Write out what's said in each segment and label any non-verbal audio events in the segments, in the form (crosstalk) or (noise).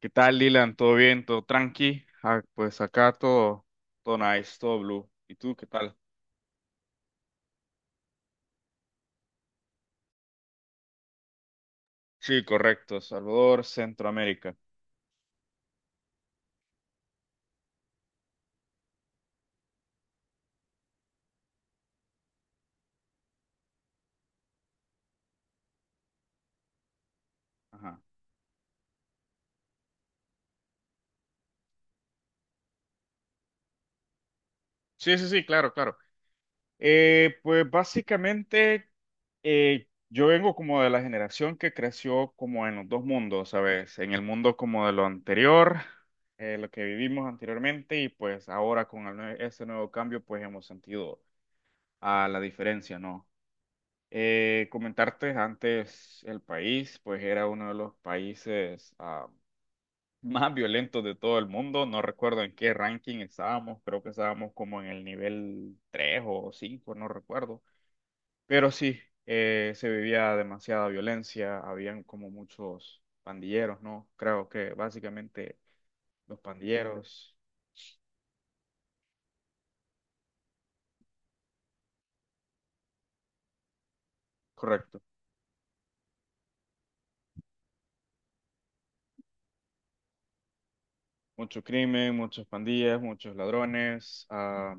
¿Qué tal, Dylan? ¿Todo bien? ¿Todo tranqui? Ah, pues acá todo, todo nice, todo blue. ¿Y tú qué tal? Sí, correcto. Salvador, Centroamérica. Ajá. Sí, sí, sí, claro, claro. Pues básicamente yo vengo como de la generación que creció como en los dos mundos, ¿sabes? En el mundo como de lo anterior, lo que vivimos anteriormente y pues ahora con el ese nuevo cambio pues hemos sentido a la diferencia, ¿no? Comentarte antes, el país, pues era uno de los países (laughs) más violentos de todo el mundo. No recuerdo en qué ranking estábamos, creo que estábamos como en el nivel 3 o cinco, no recuerdo. Pero sí, se vivía demasiada violencia, habían como muchos pandilleros, ¿no? Creo que básicamente los pandilleros, correcto. Mucho crimen, muchas pandillas, muchos ladrones. Ah,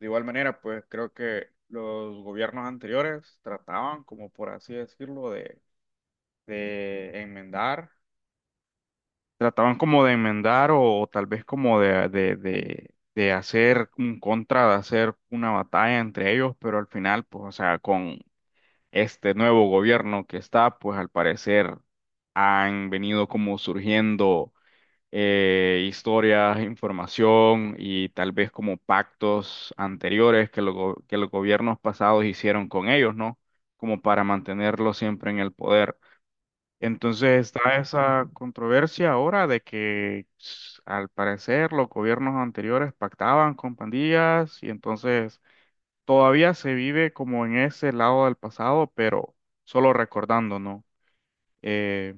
de igual manera, pues creo que los gobiernos anteriores trataban, como por así decirlo, de, enmendar, trataban como de enmendar o tal vez como de hacer un contra, de hacer una batalla entre ellos, pero al final, pues, o sea, con este nuevo gobierno que está, pues al parecer han venido como surgiendo historias, información y tal vez como pactos anteriores que, que los gobiernos pasados hicieron con ellos, ¿no? Como para mantenerlos siempre en el poder. Entonces está esa controversia ahora de que al parecer los gobiernos anteriores pactaban con pandillas y entonces todavía se vive como en ese lado del pasado, pero solo recordando, ¿no? Eh,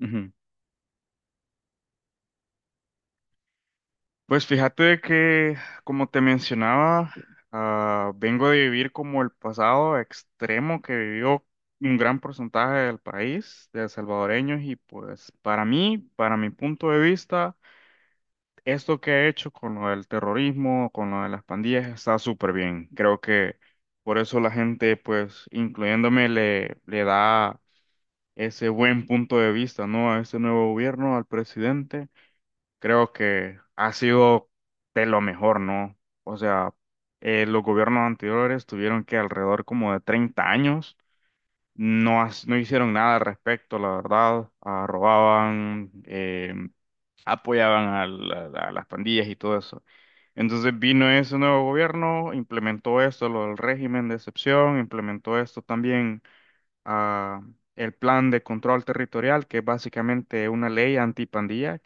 ujú. Pues fíjate de que, como te mencionaba, vengo de vivir como el pasado extremo que vivió un gran porcentaje del país, de salvadoreños, y pues para mí, para mi punto de vista, esto que he hecho con lo del terrorismo, con lo de las pandillas, está súper bien. Creo que por eso la gente, pues, incluyéndome, le da ese buen punto de vista, ¿no? A este nuevo gobierno, al presidente creo que ha sido de lo mejor, ¿no? O sea, los gobiernos anteriores tuvieron que alrededor como de 30 años, no, no hicieron nada al respecto, la verdad. Ah, robaban, apoyaban a, a las pandillas y todo eso. Entonces vino ese nuevo gobierno, implementó esto, lo del régimen de excepción, implementó esto también, ah, el plan de control territorial, que es básicamente una ley antipandilla.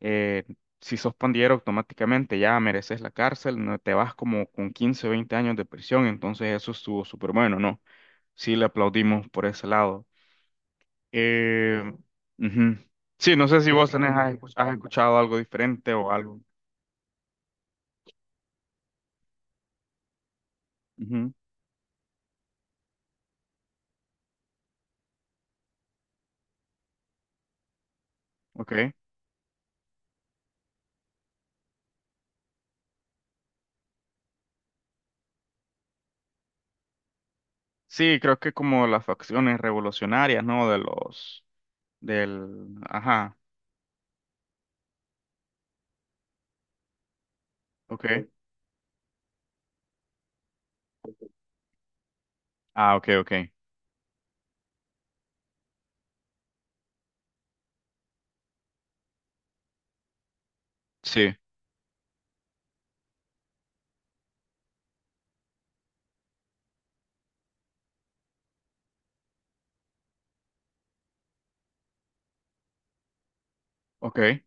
eh, si sos pandillero automáticamente ya mereces la cárcel, no te vas como con 15 o 20 años de prisión, entonces eso estuvo súper bueno, ¿no? Sí, le aplaudimos por ese lado. Eh, ujú. Sí, no sé si vos tenés, has escuchado algo diferente o algo. Ujú, ok. Sí, creo que como las facciones revolucionarias, ¿no? De los, ajá, ok. Ah, ok, ok. Sí, ok.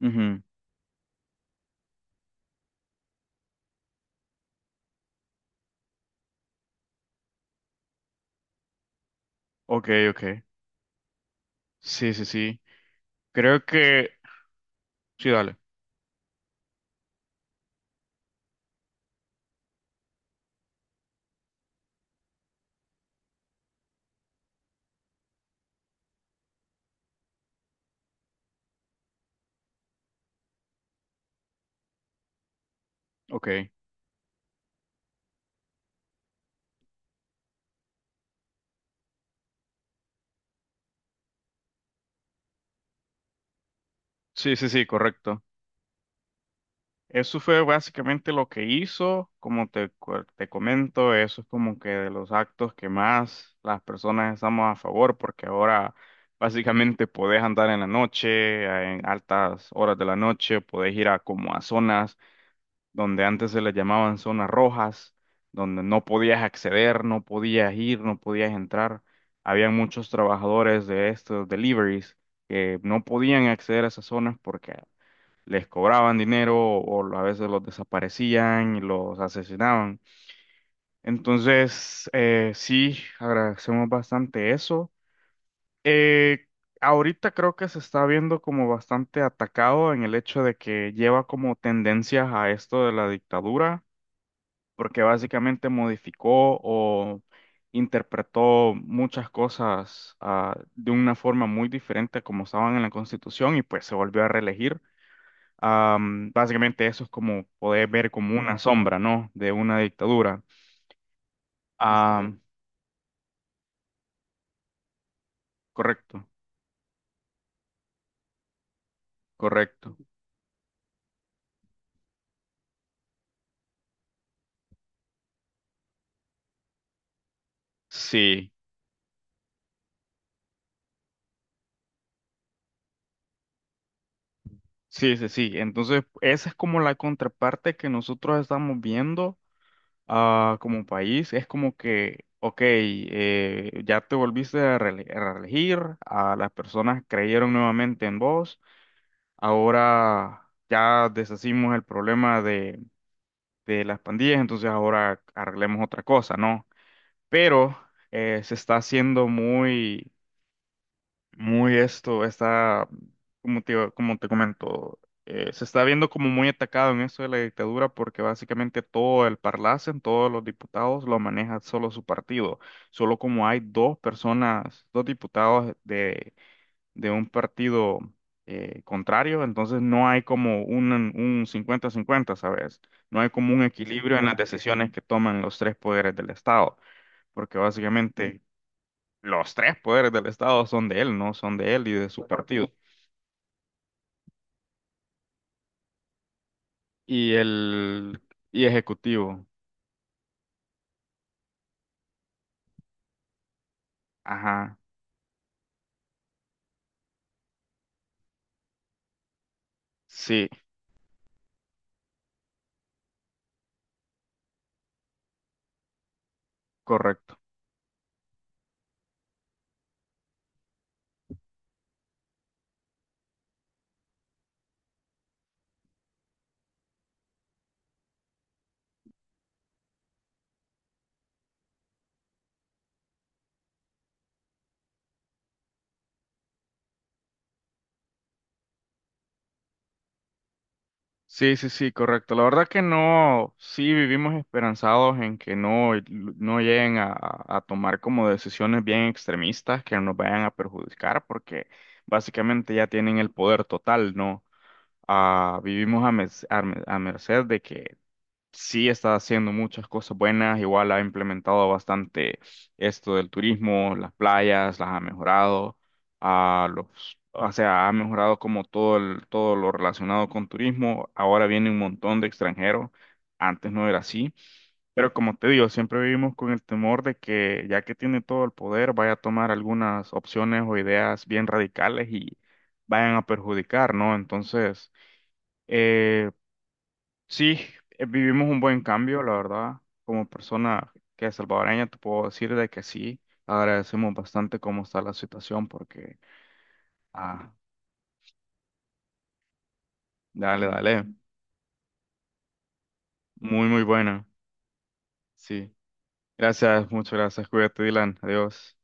Ujú, ok, ok. Sí, sí, sí. Creo que, sí, dale. Ok, sí, sí, sí, correcto. Eso fue básicamente lo que hizo, como te, te comento, eso es como que de los actos que más las personas estamos a favor, porque ahora básicamente podés andar en la noche, en altas horas de la noche, podés ir a como a zonas donde antes se les llamaban zonas rojas, donde no podías acceder, no podías ir, no podías entrar. Habían muchos trabajadores de estos deliveries que no podían acceder a esas zonas porque les cobraban dinero o a veces los desaparecían y los asesinaban. Entonces, sí, agradecemos bastante eso. Eh, ahorita creo que se está viendo como bastante atacado en el hecho de que lleva como tendencias a esto de la dictadura, porque básicamente modificó o interpretó muchas cosas de una forma muy diferente a como estaban en la Constitución y pues se volvió a reelegir. Básicamente eso es como poder ver como una sombra, ¿no? De una dictadura. Am, correcto, correcto. Sí, sí, sí, sí. Entonces, esa es como la contraparte que nosotros estamos viendo como país. Es como que, ok, ya te volviste a a reelegir, a las personas creyeron nuevamente en vos, ahora ya deshacimos el problema de, las pandillas, entonces ahora arreglemos otra cosa, ¿no? Pero se está haciendo muy, muy esto, está, como te comento, se está viendo como muy atacado en eso de la dictadura porque básicamente todo el parlacen, todos los diputados lo maneja solo su partido, solo como hay dos personas, dos diputados de, un partido contrario, entonces no hay como un 50-50, ¿sabes? No hay como un equilibrio en las decisiones que toman los tres poderes del Estado porque básicamente los tres poderes del Estado son de él, ¿no? Son de él y de su partido. Y el, y ejecutivo. Ajá. Sí, correcto. Sí, sí, sí, correcto. La verdad que no, sí vivimos esperanzados en que no, no lleguen a tomar como decisiones bien extremistas que nos vayan a perjudicar, porque básicamente ya tienen el poder total, ¿no? Ah, vivimos a, mes- a, me- a merced de que sí está haciendo muchas cosas buenas, igual ha implementado bastante esto del turismo, las playas, las ha mejorado, a los, o sea, ha mejorado como todo todo lo relacionado con turismo. Ahora viene un montón de extranjeros, antes no era así, pero como te digo, siempre vivimos con el temor de que ya que tiene todo el poder, vaya a tomar algunas opciones o ideas bien radicales y vayan a perjudicar, ¿no? Entonces, eh, sí, vivimos un buen cambio, la verdad. Como persona que es salvadoreña, te puedo decir de que sí, agradecemos bastante cómo está la situación porque, ah, dale, dale, muy, muy buena. Sí, gracias, muchas gracias, cuídate, Dylan, adiós.